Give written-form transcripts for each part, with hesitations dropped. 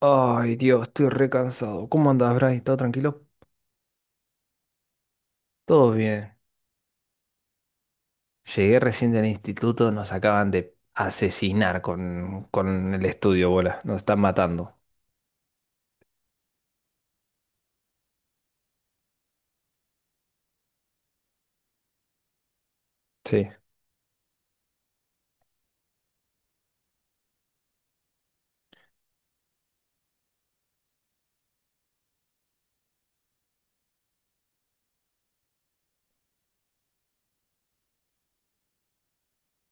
Ay, Dios, estoy re cansado. ¿Cómo andás, Bray? ¿Todo tranquilo? Todo bien. Llegué recién del instituto, nos acaban de asesinar con el estudio, bola. Nos están matando. Sí.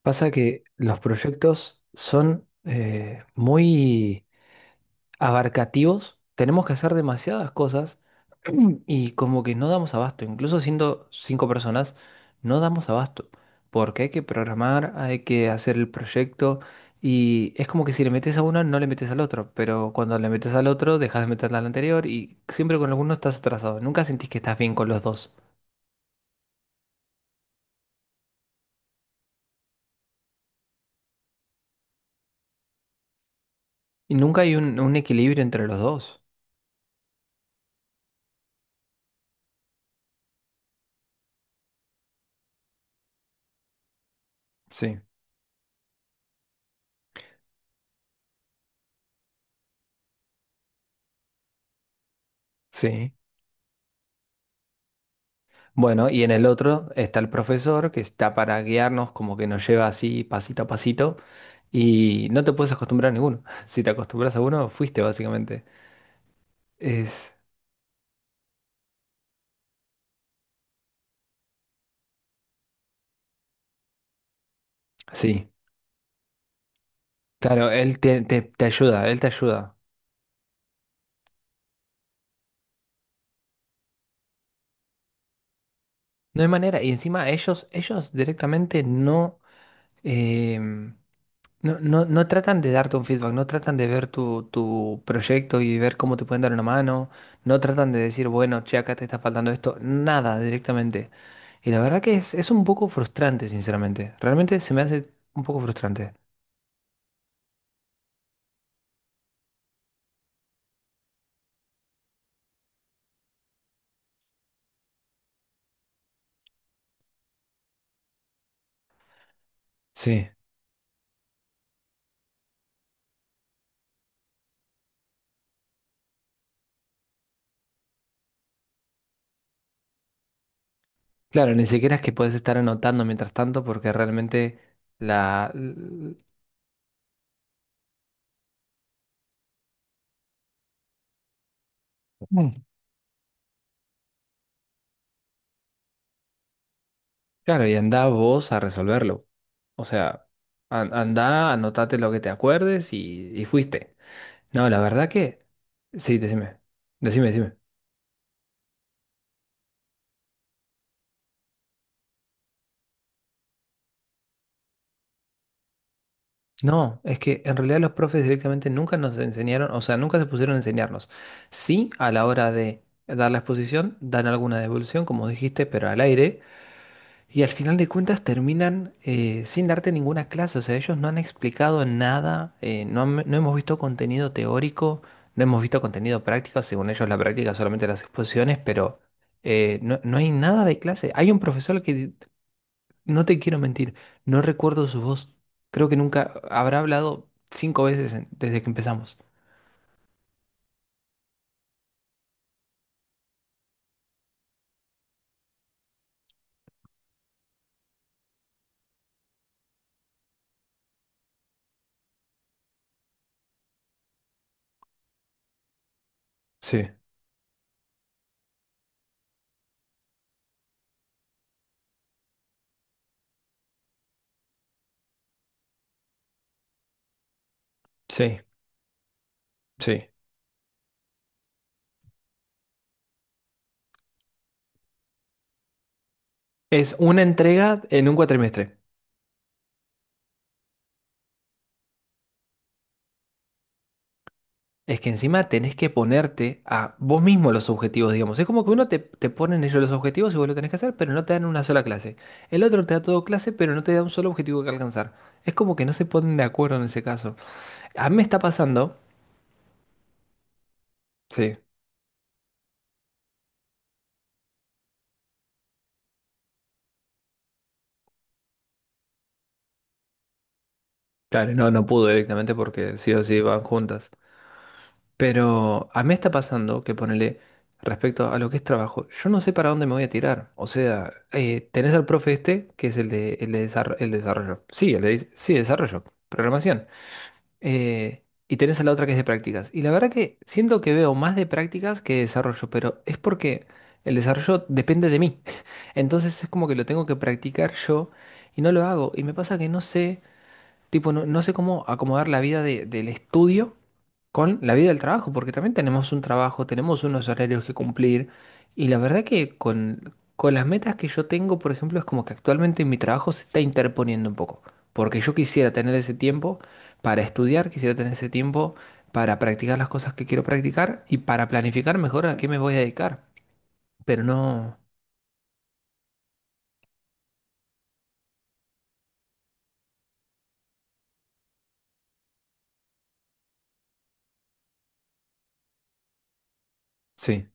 Pasa que los proyectos son muy abarcativos, tenemos que hacer demasiadas cosas y como que no damos abasto, incluso siendo cinco personas, no damos abasto, porque hay que programar, hay que hacer el proyecto y es como que si le metes a uno no le metes al otro, pero cuando le metes al otro dejas de meterle al anterior y siempre con alguno estás atrasado, nunca sentís que estás bien con los dos y nunca hay un equilibrio entre los dos. Sí, sí. Bueno, y en el otro está el profesor que está para guiarnos, como que nos lleva así pasito a pasito, y no te puedes acostumbrar a ninguno. Si te acostumbras a uno, fuiste básicamente. Es Sí, claro, él te ayuda, él te ayuda. No hay manera, y encima ellos directamente no, em, no, no, no tratan de darte un feedback, no tratan de ver tu proyecto y ver cómo te pueden dar una mano, no tratan de decir, bueno, che, acá te está faltando esto, nada directamente. Y la verdad que es un poco frustrante, sinceramente. Realmente se me hace un poco frustrante. Sí. Claro, ni siquiera es que puedes estar anotando mientras tanto porque realmente la... l- Mm. Claro, y anda vos a resolverlo. O sea, andá, anotate lo que te acuerdes y fuiste. No, la verdad que... Sí, decime. Decime, decime. No, es que en realidad los profes directamente nunca nos enseñaron, o sea, nunca se pusieron a enseñarnos. Sí, a la hora de dar la exposición, dan alguna devolución, como dijiste, pero al aire. Y al final de cuentas terminan sin darte ninguna clase. O sea, ellos no han explicado nada, no hemos visto contenido teórico, no hemos visto contenido práctico. Según ellos, la práctica es solamente las exposiciones, pero no hay nada de clase. Hay un profesor que no te quiero mentir, no recuerdo su voz. Creo que nunca habrá hablado cinco veces desde que empezamos. Sí, sí, sí. Es una entrega en un cuatrimestre. Es que encima tenés que ponerte a vos mismo los objetivos, digamos. Es como que uno te ponen ellos los objetivos y vos lo tenés que hacer, pero no te dan una sola clase. El otro te da todo clase, pero no te da un solo objetivo que alcanzar. Es como que no se ponen de acuerdo en ese caso. A mí me está pasando. Sí, claro, no pudo directamente porque sí o sí van juntas. Pero a mí me está pasando que ponele respecto a lo que es trabajo, yo no sé para dónde me voy a tirar. O sea, tenés al profe este, que es el desarrollo. Sí, sí, desarrollo, programación. Y tenés a la otra que es de prácticas. Y la verdad que siento que veo más de prácticas que de desarrollo, pero es porque el desarrollo depende de mí. Entonces es como que lo tengo que practicar yo y no lo hago. Y me pasa que no sé, tipo, no sé cómo acomodar la vida del estudio con la vida del trabajo, porque también tenemos un trabajo, tenemos unos horarios que cumplir, y la verdad que con las metas que yo tengo, por ejemplo, es como que actualmente mi trabajo se está interponiendo un poco, porque yo quisiera tener ese tiempo para estudiar, quisiera tener ese tiempo para practicar las cosas que quiero practicar y para planificar mejor a qué me voy a dedicar, pero no... Sí.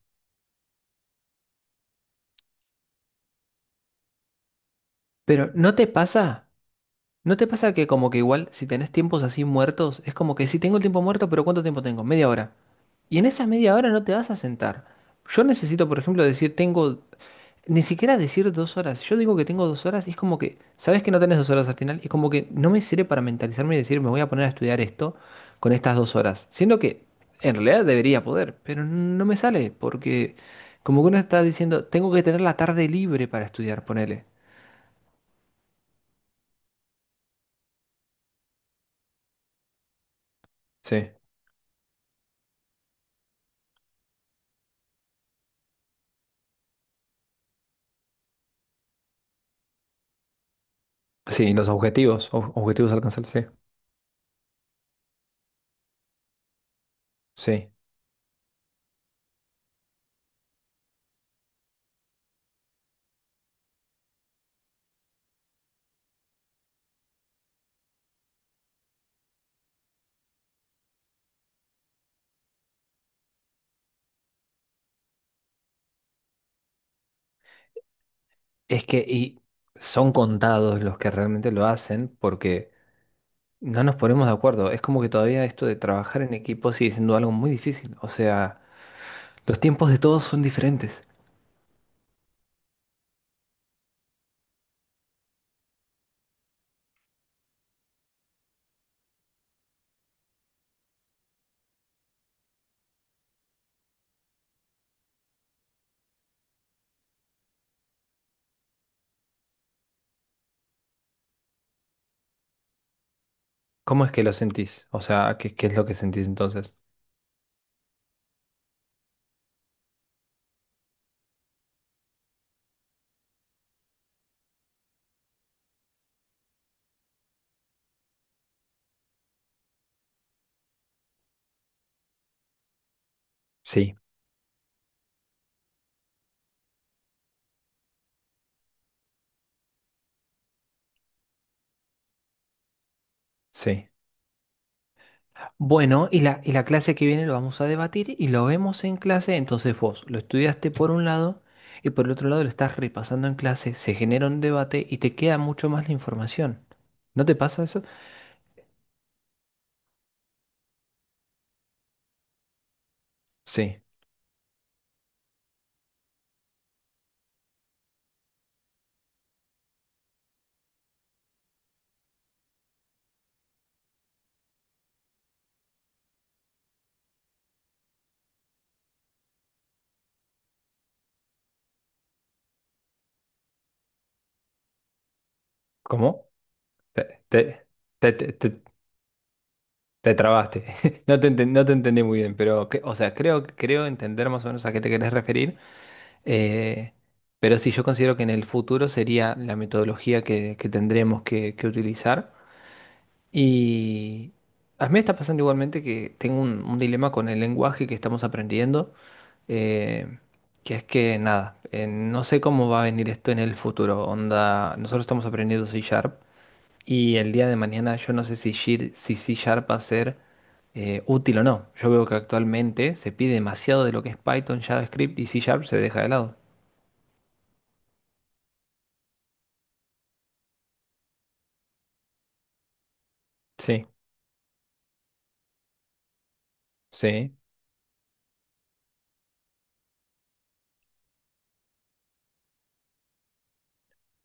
Pero ¿no te pasa? ¿No te pasa que como que igual si tenés tiempos así muertos, es como que si tengo el tiempo muerto, pero ¿cuánto tiempo tengo? Media hora. Y en esa media hora no te vas a sentar. Yo necesito, por ejemplo, decir, tengo, ni siquiera decir 2 horas. Yo digo que tengo 2 horas y es como que, ¿sabes que no tenés 2 horas al final? Es como que no me sirve para mentalizarme y decir, me voy a poner a estudiar esto con estas 2 horas. Siendo que en realidad debería poder, pero no me sale porque como que uno está diciendo, tengo que tener la tarde libre para estudiar, ponele. Sí, sí, los objetivos, objetivos alcanzables, sí, sí. Y son contados los que realmente lo hacen porque... No nos ponemos de acuerdo. Es como que todavía esto de trabajar en equipo sigue siendo algo muy difícil. O sea, los tiempos de todos son diferentes. ¿Cómo es que lo sentís? O sea, ¿qué es lo que sentís entonces? Sí, sí. Bueno, y la clase que viene lo vamos a debatir y lo vemos en clase. Entonces vos lo estudiaste por un lado y por el otro lado lo estás repasando en clase. Se genera un debate y te queda mucho más la información. ¿No te pasa eso? Sí. ¿Cómo? Te, te, te, te- te- Te trabaste. No te entendí muy bien, pero, o sea, creo entender más o menos a qué te querés referir. eh, pero sí, yo considero que en el futuro sería la metodología que tendremos que utilizar. Y a mí me está pasando igualmente que tengo un dilema con el lenguaje que estamos aprendiendo, eh, que es que, nada, no sé cómo va a venir esto en el futuro. Onda, nosotros estamos aprendiendo C Sharp y el día de mañana yo no sé si C Sharp va a ser útil o no. Yo veo que actualmente se pide demasiado de lo que es Python, JavaScript y C Sharp se deja de lado. Sí, sí,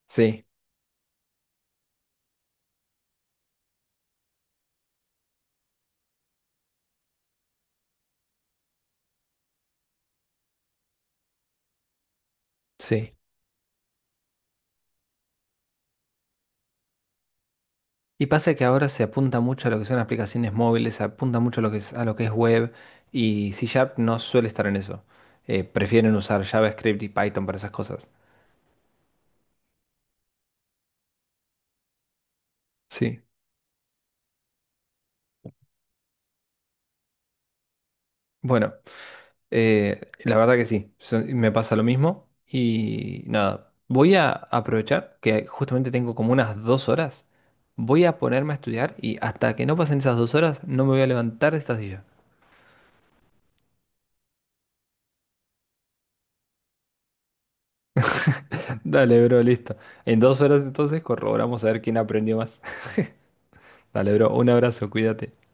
sí, sí. Y pasa que ahora se apunta mucho a lo que son aplicaciones móviles, se apunta mucho a lo que es web y C Sharp no suele estar en eso. Prefieren usar JavaScript y Python para esas cosas. Sí. Bueno. La verdad que sí, me pasa lo mismo y nada, voy a aprovechar que justamente tengo como unas 2 horas, voy a ponerme a estudiar y hasta que no pasen esas 2 horas no me voy a levantar de esta silla. Dale, bro, listo. En 2 horas entonces corroboramos a ver quién aprendió más. Dale, bro, un abrazo, cuídate.